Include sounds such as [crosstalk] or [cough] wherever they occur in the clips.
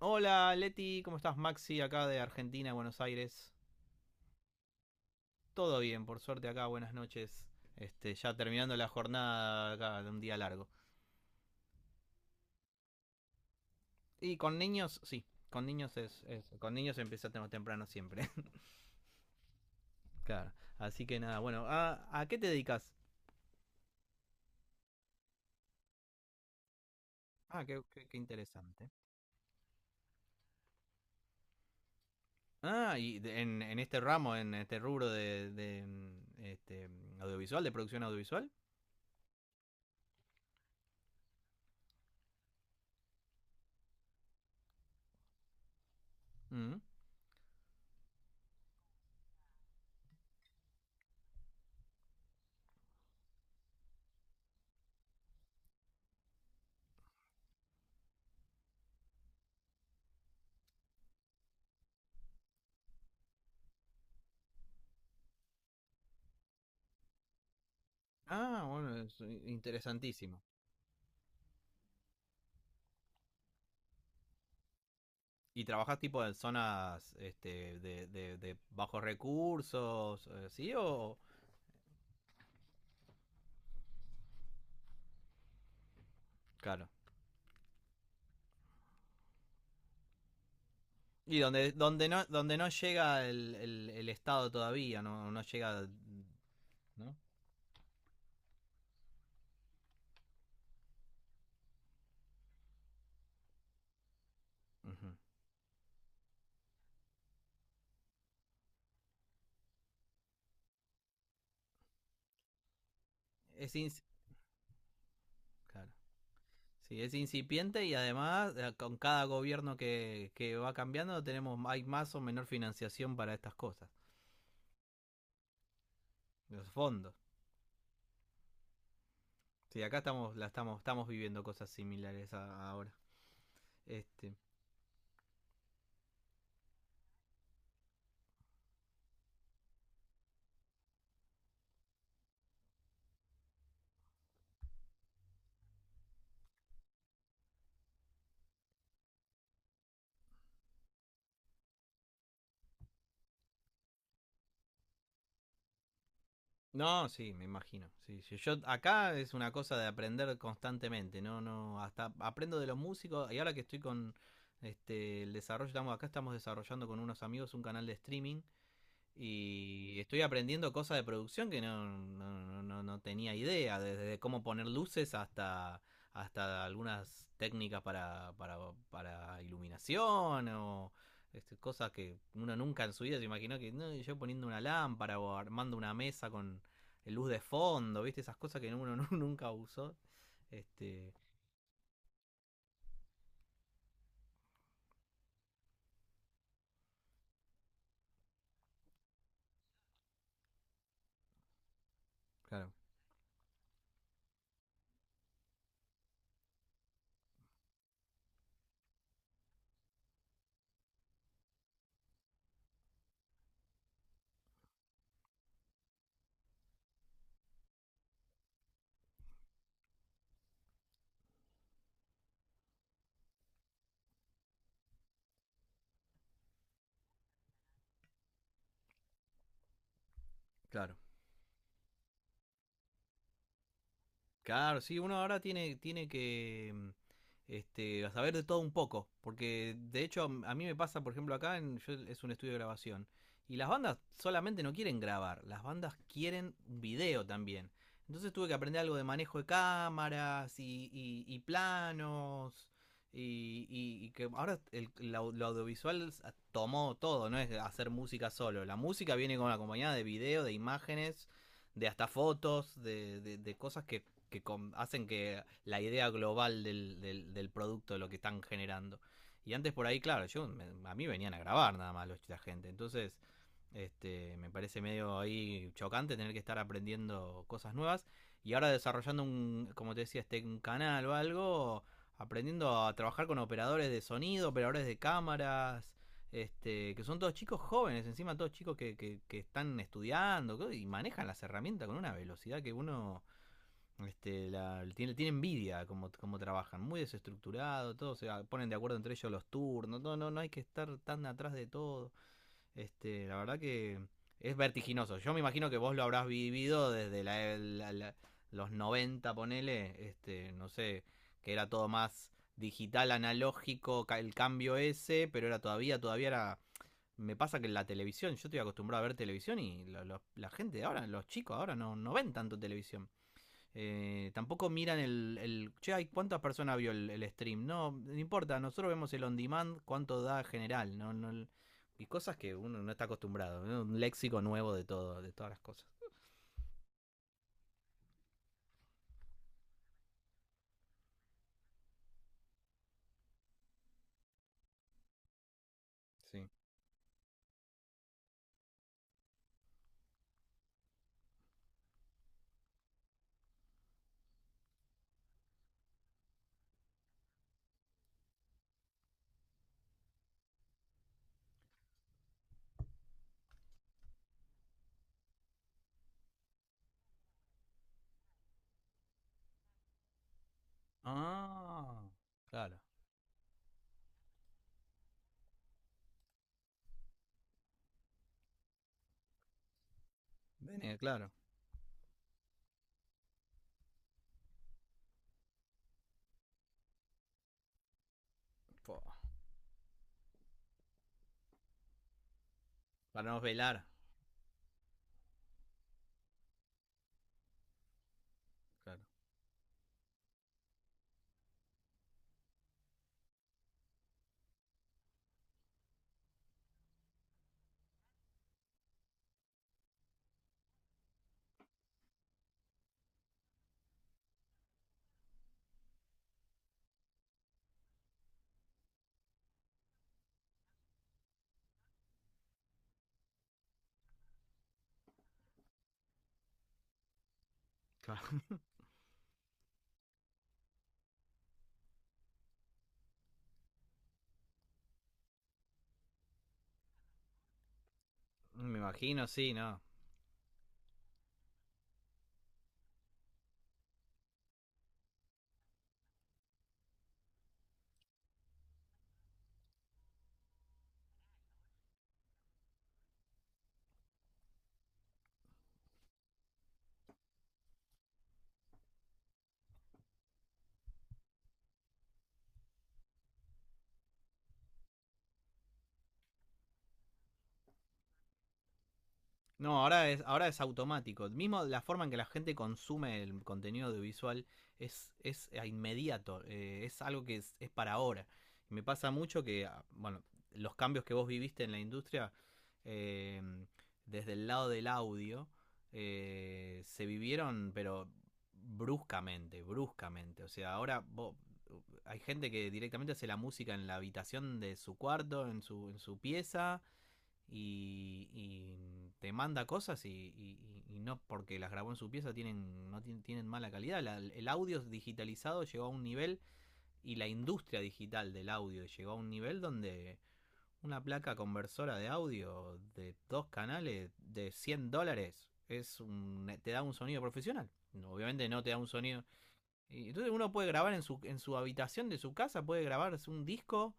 Hola Leti, ¿cómo estás? Maxi, acá de Argentina, Buenos Aires. Todo bien, por suerte acá, buenas noches. Ya terminando la jornada acá de un día largo. Y con niños, sí, con niños con niños empieza temprano siempre. [laughs] Claro. Así que nada, bueno, ¿a qué te dedicas? Ah, qué interesante. Ah, y en este ramo, en este rubro de audiovisual, de producción audiovisual. Mm. Ah, bueno, es interesantísimo. ¿Y trabajas tipo en zonas de bajos recursos, sí o claro? Y donde no llega el Estado todavía, no llega, ¿no? Ujú. Es ins- claro. Sí, es incipiente y además con cada gobierno que va cambiando tenemos hay más o menor financiación para estas cosas, los fondos. Sí, acá estamos la estamos estamos viviendo cosas similares ahora. Este No, sí, me imagino. Sí, sí. Yo acá es una cosa de aprender constantemente, no, no, hasta aprendo de los músicos y ahora que estoy con el desarrollo, estamos desarrollando con unos amigos un canal de streaming y estoy aprendiendo cosas de producción que no tenía idea, desde cómo poner luces hasta, hasta algunas técnicas para iluminación o cosas que uno nunca en su vida se imaginó que no, yo poniendo una lámpara o armando una mesa con luz de fondo, ¿viste? Esas cosas que uno [laughs] nunca usó. Este, claro, claro. Claro, sí, uno ahora tiene que saber de todo un poco, porque de hecho mí me pasa, por ejemplo, acá es un estudio de grabación, y las bandas solamente no quieren grabar, las bandas quieren un video también. Entonces tuve que aprender algo de manejo de cámaras y planos, y que ahora lo audiovisual tomó todo, no es hacer música solo, la música viene con acompañada de video, de imágenes, de hasta fotos, de cosas que con, hacen que la idea global del producto, de lo que están generando. Y antes por ahí, claro, a mí venían a grabar nada más los, la gente. Entonces, me parece medio ahí chocante tener que estar aprendiendo cosas nuevas. Y ahora desarrollando un, como te decía, un canal o algo, aprendiendo a trabajar con operadores de sonido, operadores de cámaras, que son todos chicos jóvenes, encima todos chicos que están estudiando y manejan las herramientas con una velocidad que uno tiene envidia como, como trabajan, muy desestructurado, todos se ponen de acuerdo entre ellos los turnos, no, no, no hay que estar tan atrás de todo. La verdad que es vertiginoso. Yo me imagino que vos lo habrás vivido desde los 90 ponele, no sé, que era todo más digital, analógico, el cambio ese, pero era todavía, todavía era... Me pasa que la televisión, yo estoy acostumbrado a ver televisión y la gente de ahora, los chicos ahora no, no ven tanto televisión. Tampoco miran el, el. Che, ay, ¿cuántas personas vio el stream? No, no importa, nosotros vemos el on demand, cuánto da general. No, no, y cosas que uno no está acostumbrado, ¿no? Un léxico nuevo de todo, de todas las cosas. Sí. Ah, claro. Ven, claro. Para no velar. Claro. Claro. [laughs] Me imagino, sí, no. No, ahora es automático. Mismo la forma en que la gente consume el contenido audiovisual es inmediato, es algo es para ahora. Y me pasa mucho que, ah, bueno, los cambios que vos viviste en la industria, eh, desde el lado del audio, se vivieron, pero bruscamente, bruscamente. O sea, ahora hay gente que directamente hace la música en la habitación de su cuarto, en su pieza y te manda cosas y no porque las grabó en su pieza tienen, no tienen, tienen mala calidad. El audio digitalizado llegó a un nivel y la industria digital del audio llegó a un nivel donde una placa conversora de audio de dos canales de 100 dólares es un, te da un sonido profesional. No, obviamente no te da un sonido y entonces uno puede grabar en su habitación de su casa, puede grabarse un disco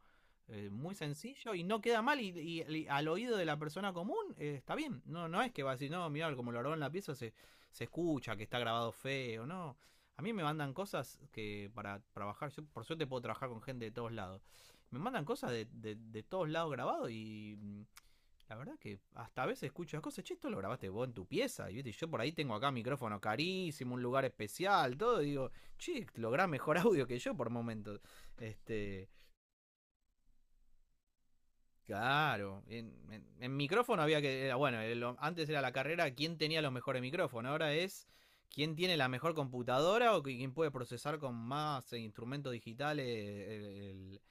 muy sencillo y no queda mal y al oído de la persona común está bien. No, no es que va a decir, no, mirá, como lo grabó en la pieza se escucha, que está grabado feo, no. A mí me mandan cosas que para trabajar, yo por suerte puedo trabajar con gente de todos lados. Me mandan cosas de todos lados grabado y mm, la verdad que hasta a veces escucho las cosas, che, esto lo grabaste vos en tu pieza. Y viste, yo por ahí tengo acá micrófono carísimo, un lugar especial, todo, y digo, che, lográs mejor [laughs] audio que yo por momentos. Este, claro, en micrófono había que, bueno, antes era la carrera quién tenía los mejores micrófonos, ahora es quién tiene la mejor computadora o quién puede procesar con más instrumentos digitales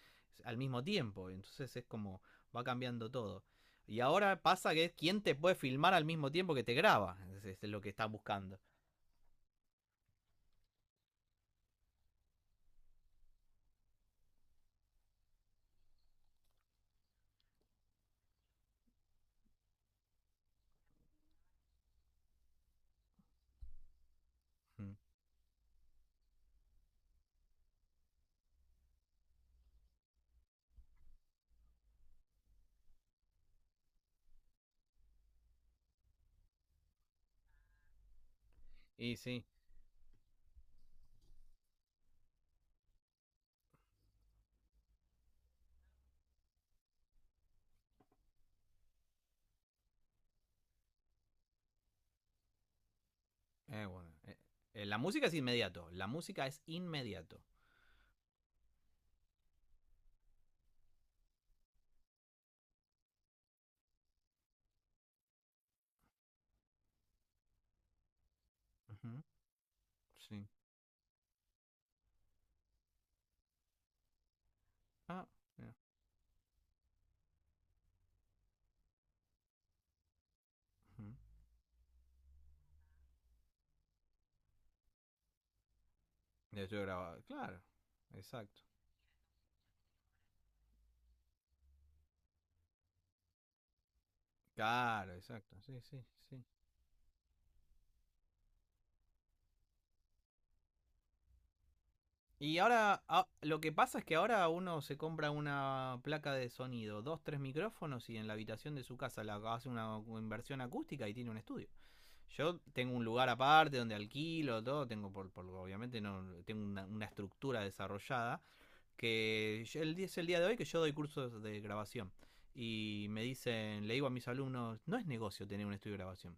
al mismo tiempo. Entonces es como, va cambiando todo. Y ahora pasa que es quién te puede filmar al mismo tiempo que te graba, es lo que están buscando. Mm. Y sí, bueno, la música es inmediato, la música es inmediato. Ujú, sí. Ah, mira. Ujú. Ya yo grababa. Claro, exacto. Claro, exacto. Sí, sí, sí. Y ahora, ah, lo que pasa es que ahora uno se compra una placa de sonido, dos, tres micrófonos y en la habitación de su casa la hace una inversión acústica y tiene un estudio. Yo tengo un lugar aparte donde alquilo, todo, tengo obviamente no tengo una estructura desarrollada, que es el día de hoy que yo doy cursos de grabación. Y me dicen, le digo a mis alumnos, no es negocio tener un estudio de grabación.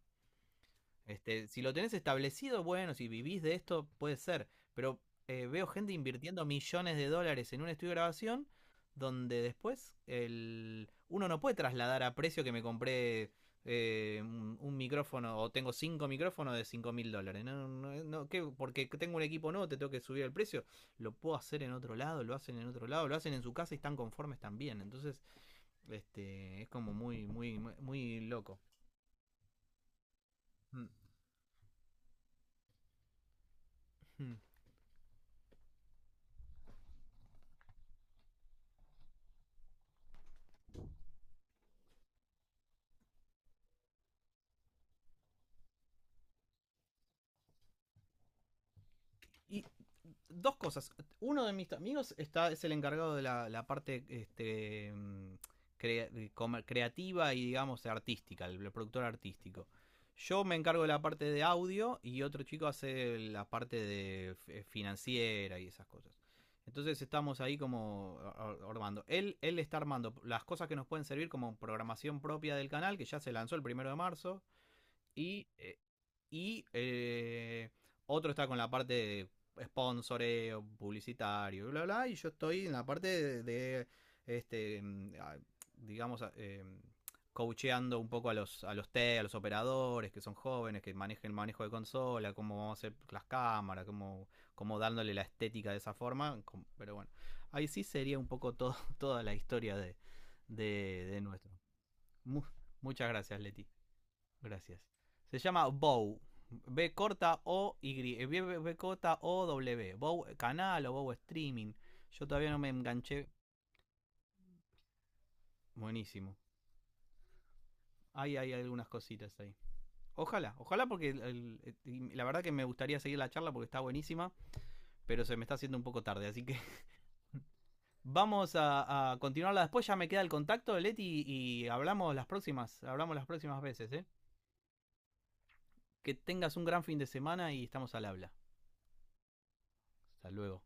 Si lo tenés establecido, bueno, si vivís de esto, puede ser. Pero veo gente invirtiendo millones de dólares en un estudio de grabación donde después el... uno no puede trasladar a precio que me compré un micrófono o tengo cinco micrófonos de 5.000 dólares. No, no, no, ¿qué? Porque tengo un equipo nuevo, te tengo que subir el precio. Lo puedo hacer en otro lado, lo hacen en otro lado, lo hacen en su casa y están conformes también. Entonces, es como muy, muy, muy, muy loco. Mm, mm. Y dos cosas. Uno de mis amigos está, es el encargado de la parte cre- creativa y, digamos, artística, el productor artístico. Yo me encargo de la parte de audio y otro chico hace la parte de financiera y esas cosas. Entonces estamos ahí como armando. Él está armando las cosas que nos pueden servir como programación propia del canal, que ya se lanzó el primero de marzo y, eh, y otro está con la parte de sponsoreo, publicitario, bla, bla, y yo estoy en la parte este, digamos, coacheando un poco a los, a los operadores que son jóvenes, que manejen el manejo de consola, cómo vamos a hacer las cámaras, cómo, cómo dándole la estética de esa forma. Pero bueno, ahí sí sería un poco todo, [laughs] toda la historia de nuestro. Muchas gracias, Leti. Gracias. Se llama Bow. B corta O Y. B corta O W. Bow canal o Bow streaming. Yo todavía no me enganché. Buenísimo. Ahí hay algunas cositas ahí. Ojalá, ojalá porque la verdad que me gustaría seguir la charla porque está buenísima, pero se me está haciendo un poco tarde, así que [laughs] vamos a continuarla después. Ya me queda el contacto de Leti y hablamos las próximas veces, ¿eh? Que tengas un gran fin de semana y estamos al habla. Hasta luego.